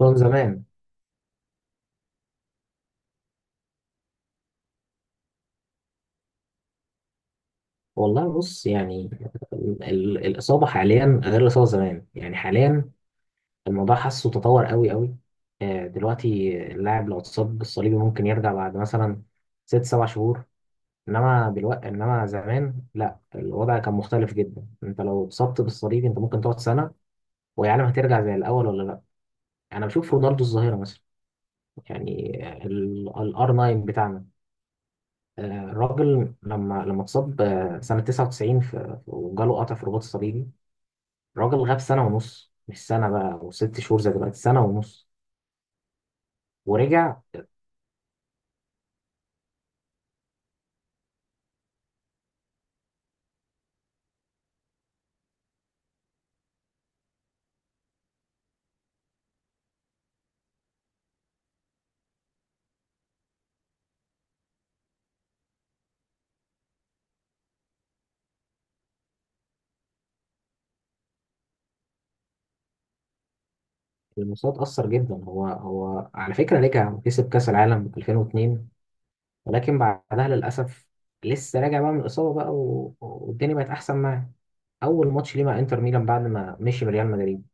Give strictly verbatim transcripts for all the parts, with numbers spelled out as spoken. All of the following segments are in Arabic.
من زمان. والله بص، يعني ال- ال- الإصابة حاليا غير الإصابة زمان، يعني حاليا الموضوع حاسه تطور قوي قوي. آه، دلوقتي اللاعب لو اتصاب بالصليبي ممكن يرجع بعد مثلا ست سبع شهور. إنما دلوقتي إنما زمان لا، الوضع كان مختلف جدا. أنت لو اتصبت بالصليبي أنت ممكن تقعد سنة ويعلم هترجع زي الأول ولا لا. أنا بشوف رونالدو الظاهرة مثلا، يعني الار تسعة بتاعنا. آه، الراجل لما لما اتصاب، آه، سنة تسعة وتسعين، في- وجاله قطع في الرباط الصليبي. الراجل غاب سنة ونص، مش سنة بقى وست شهور زي دلوقتي، سنة ونص ورجع. المستوى اتأثر جدا. هو هو على فكرة رجع وكسب كأس العالم ألفين واثنين، ولكن بعدها للأسف لسه راجع بقى من الإصابة بقى و- والدنيا بقت أحسن معاه. أول ماتش ليه مع إنتر ميلان بعد ما مشي من ريال مدريد،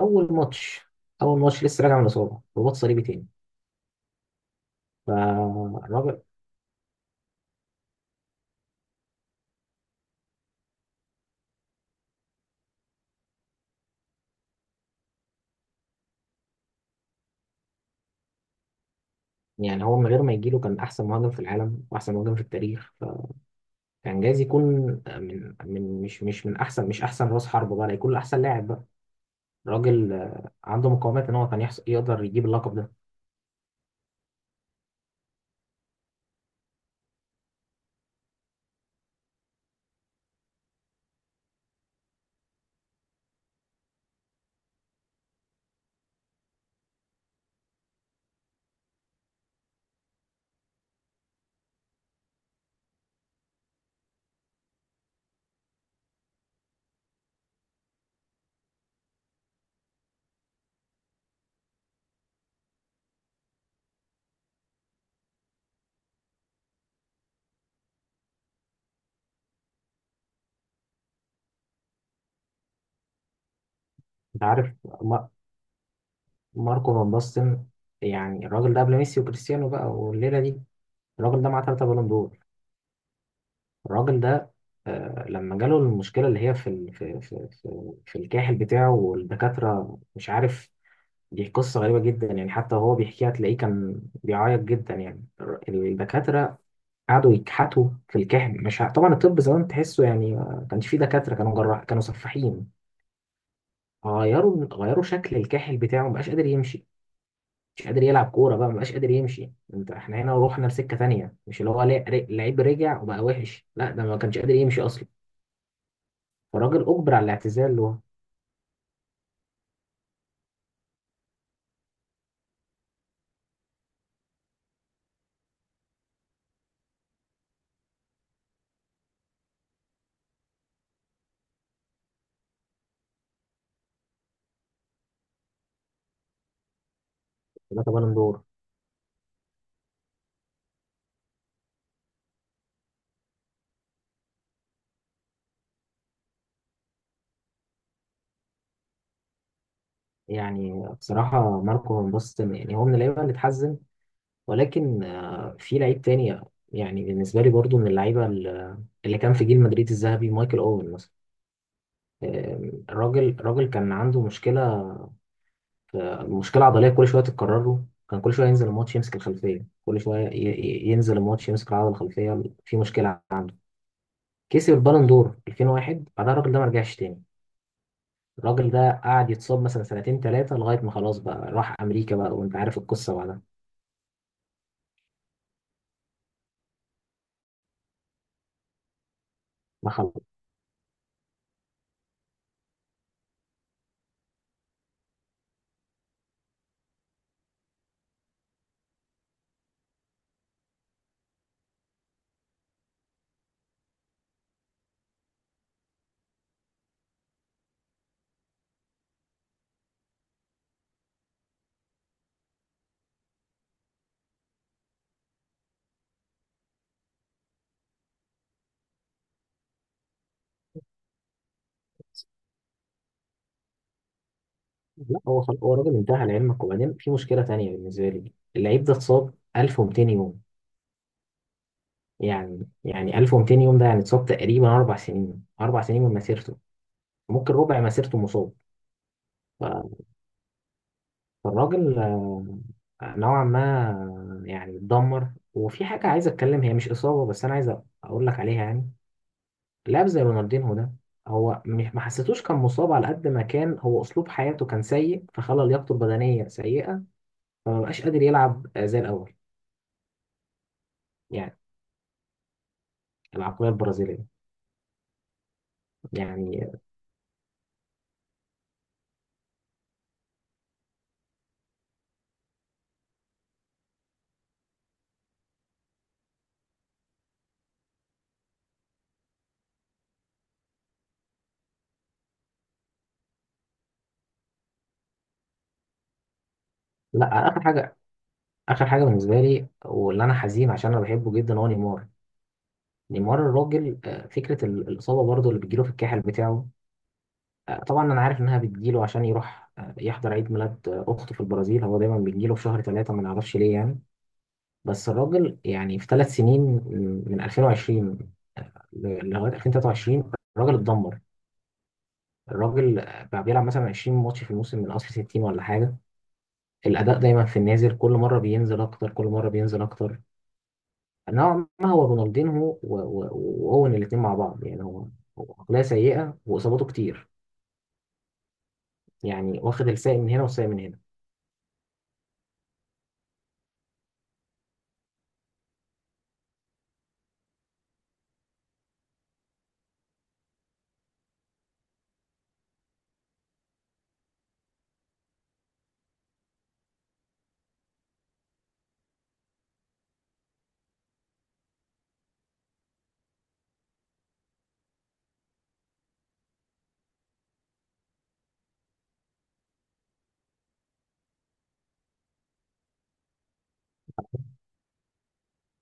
أول ماتش أول ماتش لسه راجع من الإصابة، رباط صليبي تاني. فالراجل يعني هو من غير ما يجيله كان احسن مهاجم في العالم واحسن مهاجم في التاريخ. فكان جايز يكون، آه، من من مش مش من احسن مش احسن راس حرب بقى، لا يكون احسن لاعب بقى. راجل آه، عنده مقومات ان هو كان يحص- يقدر يجيب اللقب ده. انت عارف، ما- ماركو فان باستن، يعني الراجل ده قبل ميسي وكريستيانو بقى والليله دي، الراجل ده معاه ثلاثه بالون دور. الراجل ده آه، لما جاله المشكله اللي هي في ال- في في في, في الكاحل بتاعه والدكاتره مش عارف. دي قصة غريبة جدا، يعني حتى وهو بيحكيها تلاقيه كان بيعيط جدا. يعني الر- الدكاترة قعدوا يكحتوا في الكحم، مش ع- طبعا الطب زمان تحسه، يعني ما كانش فيه دكاترة، كانوا جراح كانوا سفاحين. غيروا غيروا شكل الكاحل بتاعه، مبقاش قادر يمشي. مش قادر يلعب كورة بقى، مبقاش قادر يمشي. انت احنا هنا روحنا لسكة تانية، مش اللي هو لا- ر- لعيب رجع وبقى وحش، لا، ده ما كانش قادر يمشي أصلا. فالراجل أجبر على الاعتزال له. ثلاثة بالون دور! يعني بصراحة ماركو فان باستن، يعني هو من اللعيبة اللي اتحزن. ولكن آه، في لعيب تاني، يعني بالنسبة لي برضو من اللعيبة ال- اللي كان في جيل مدريد الذهبي، مايكل أوين مثلا. آم، الراجل الراجل كان عنده مشكلة مشكلة عضلية كل شوية تتكرر له. كان كل شوية ينزل الماتش يمسك الخلفية، كل شوية ي- ي- ينزل الماتش يمسك العضلة الخلفية، في مشكلة. كسب البالون دور ألفين وواحد، بعدها الراجل ده ما رجعش تاني. الراجل ده قعد يتصاب مثلا سنتين ثلاثة لغاية ما خلاص بقى راح أمريكا بقى، وأنت عارف القصة بعدها. ما خلص. لا، هو خل... هو الراجل انتهى لعلمك. وبعدين في مشكله تانية بالنسبه لي، اللعيب ده اتصاب ألف ومتين يوم. يعني يعني ألف ومتين يوم ده يعني اتصاب تقريبا اربع سنين، اربع سنين من مسيرته. ممكن ربع مسيرته مصاب. ف- فالراجل آه، نوعا ما آه، يعني اتدمر. وفي حاجه عايز اتكلم، هي مش اصابه بس انا عايز اقول لك عليها. يعني لاعب زي رونالدينهو ده، هو مش ما حسيتوش كان مصاب على قد ما كان، هو اسلوب حياته كان سيء فخلى لياقته البدنيه سيئه، فما بقاش قادر يلعب آه، زي الاول. يعني العقلية البرازيلية. يعني لا، آخر حاجة آخر حاجة بالنسبة لي، واللي أنا حزين عشان أنا بحبه جدا، هو نيمار. نيمار الراجل آه، فكرة ال- الإصابة برضه اللي بتجيله في الكاحل بتاعه. آه، طبعا أنا عارف إنها بتجيله عشان يروح آه، يحضر عيد ميلاد آه، أخته في البرازيل، هو دايما بيجيله في شهر ثلاثة، ما نعرفش ليه يعني. بس الراجل، يعني في ثلاث سنين من من ألفين وعشرين ل- لغاية ألفين وتلاتة وعشرين، الراجل اتدمر. الراجل آه، بقى بيلعب مثلا عشرين ماتش في الموسم من أصل ستين ولا حاجة. الأداء دايما في النازل، كل مرة بينزل أكتر، كل مرة بينزل أكتر. نوعا ما هو رونالدينهو و- و- وأوين الاتنين مع بعض. يعني هو هو عقلية سيئة وإصاباته كتير. يعني واخد الساق من هنا والساق من هنا.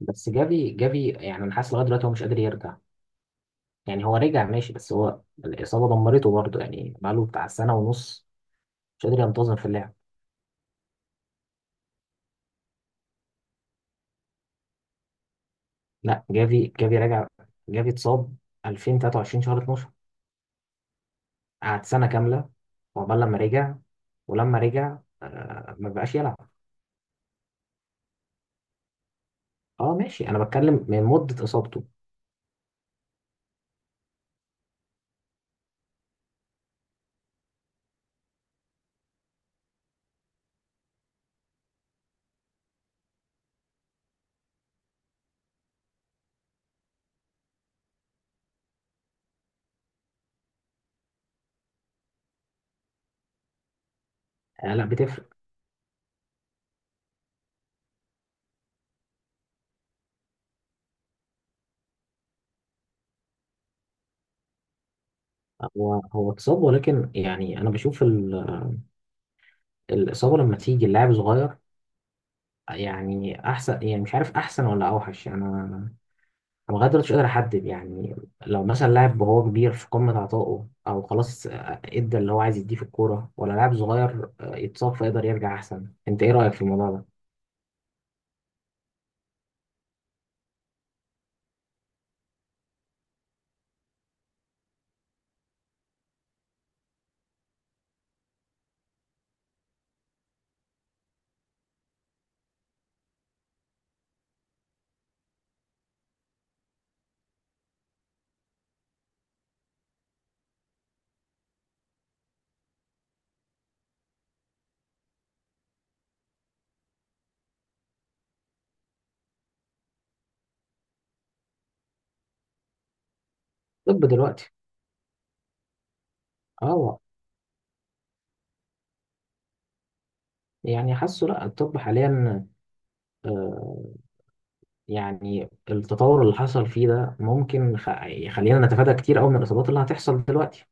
بس جافي، جافي يعني أنا حاسس لغاية دلوقتي هو مش قادر يرجع. يعني هو رجع ماشي، بس هو الإصابة دمرته برضه، يعني بقاله بتاع سنة ونص مش قادر ينتظم في اللعب. لا، جافي جافي رجع. جافي اتصاب ألفين وتلاتة وعشرين شهر اتناشر، قعد سنة كاملة، وعقبال لما رجع. ولما رجع آه، ما بقاش يلعب. اه، ماشي. انا بتكلم من مده اصابته. آه لا، بتفرق. هو هو اتصاب، ولكن يعني انا بشوف ال- الاصابه لما تيجي اللاعب صغير، يعني احسن، يعني مش عارف احسن ولا اوحش. انا انا لغايه دلوقتي مش قادر احدد يعني. لو مثلا لاعب وهو كبير في قمه عطائه، او خلاص آه، ادى اللي هو عايز يديه في الكوره، ولا لاعب صغير آه، يتصاب فيقدر يرجع احسن؟ انت ايه رايك في الموضوع ده؟ طب دلوقتي، اه، يعني حاسه لا، الطب حاليا آه، يعني التطور اللي حصل فيه ده ممكن خ- يخلينا نتفادى كتير قوي من الاصابات اللي هتحصل دلوقتي.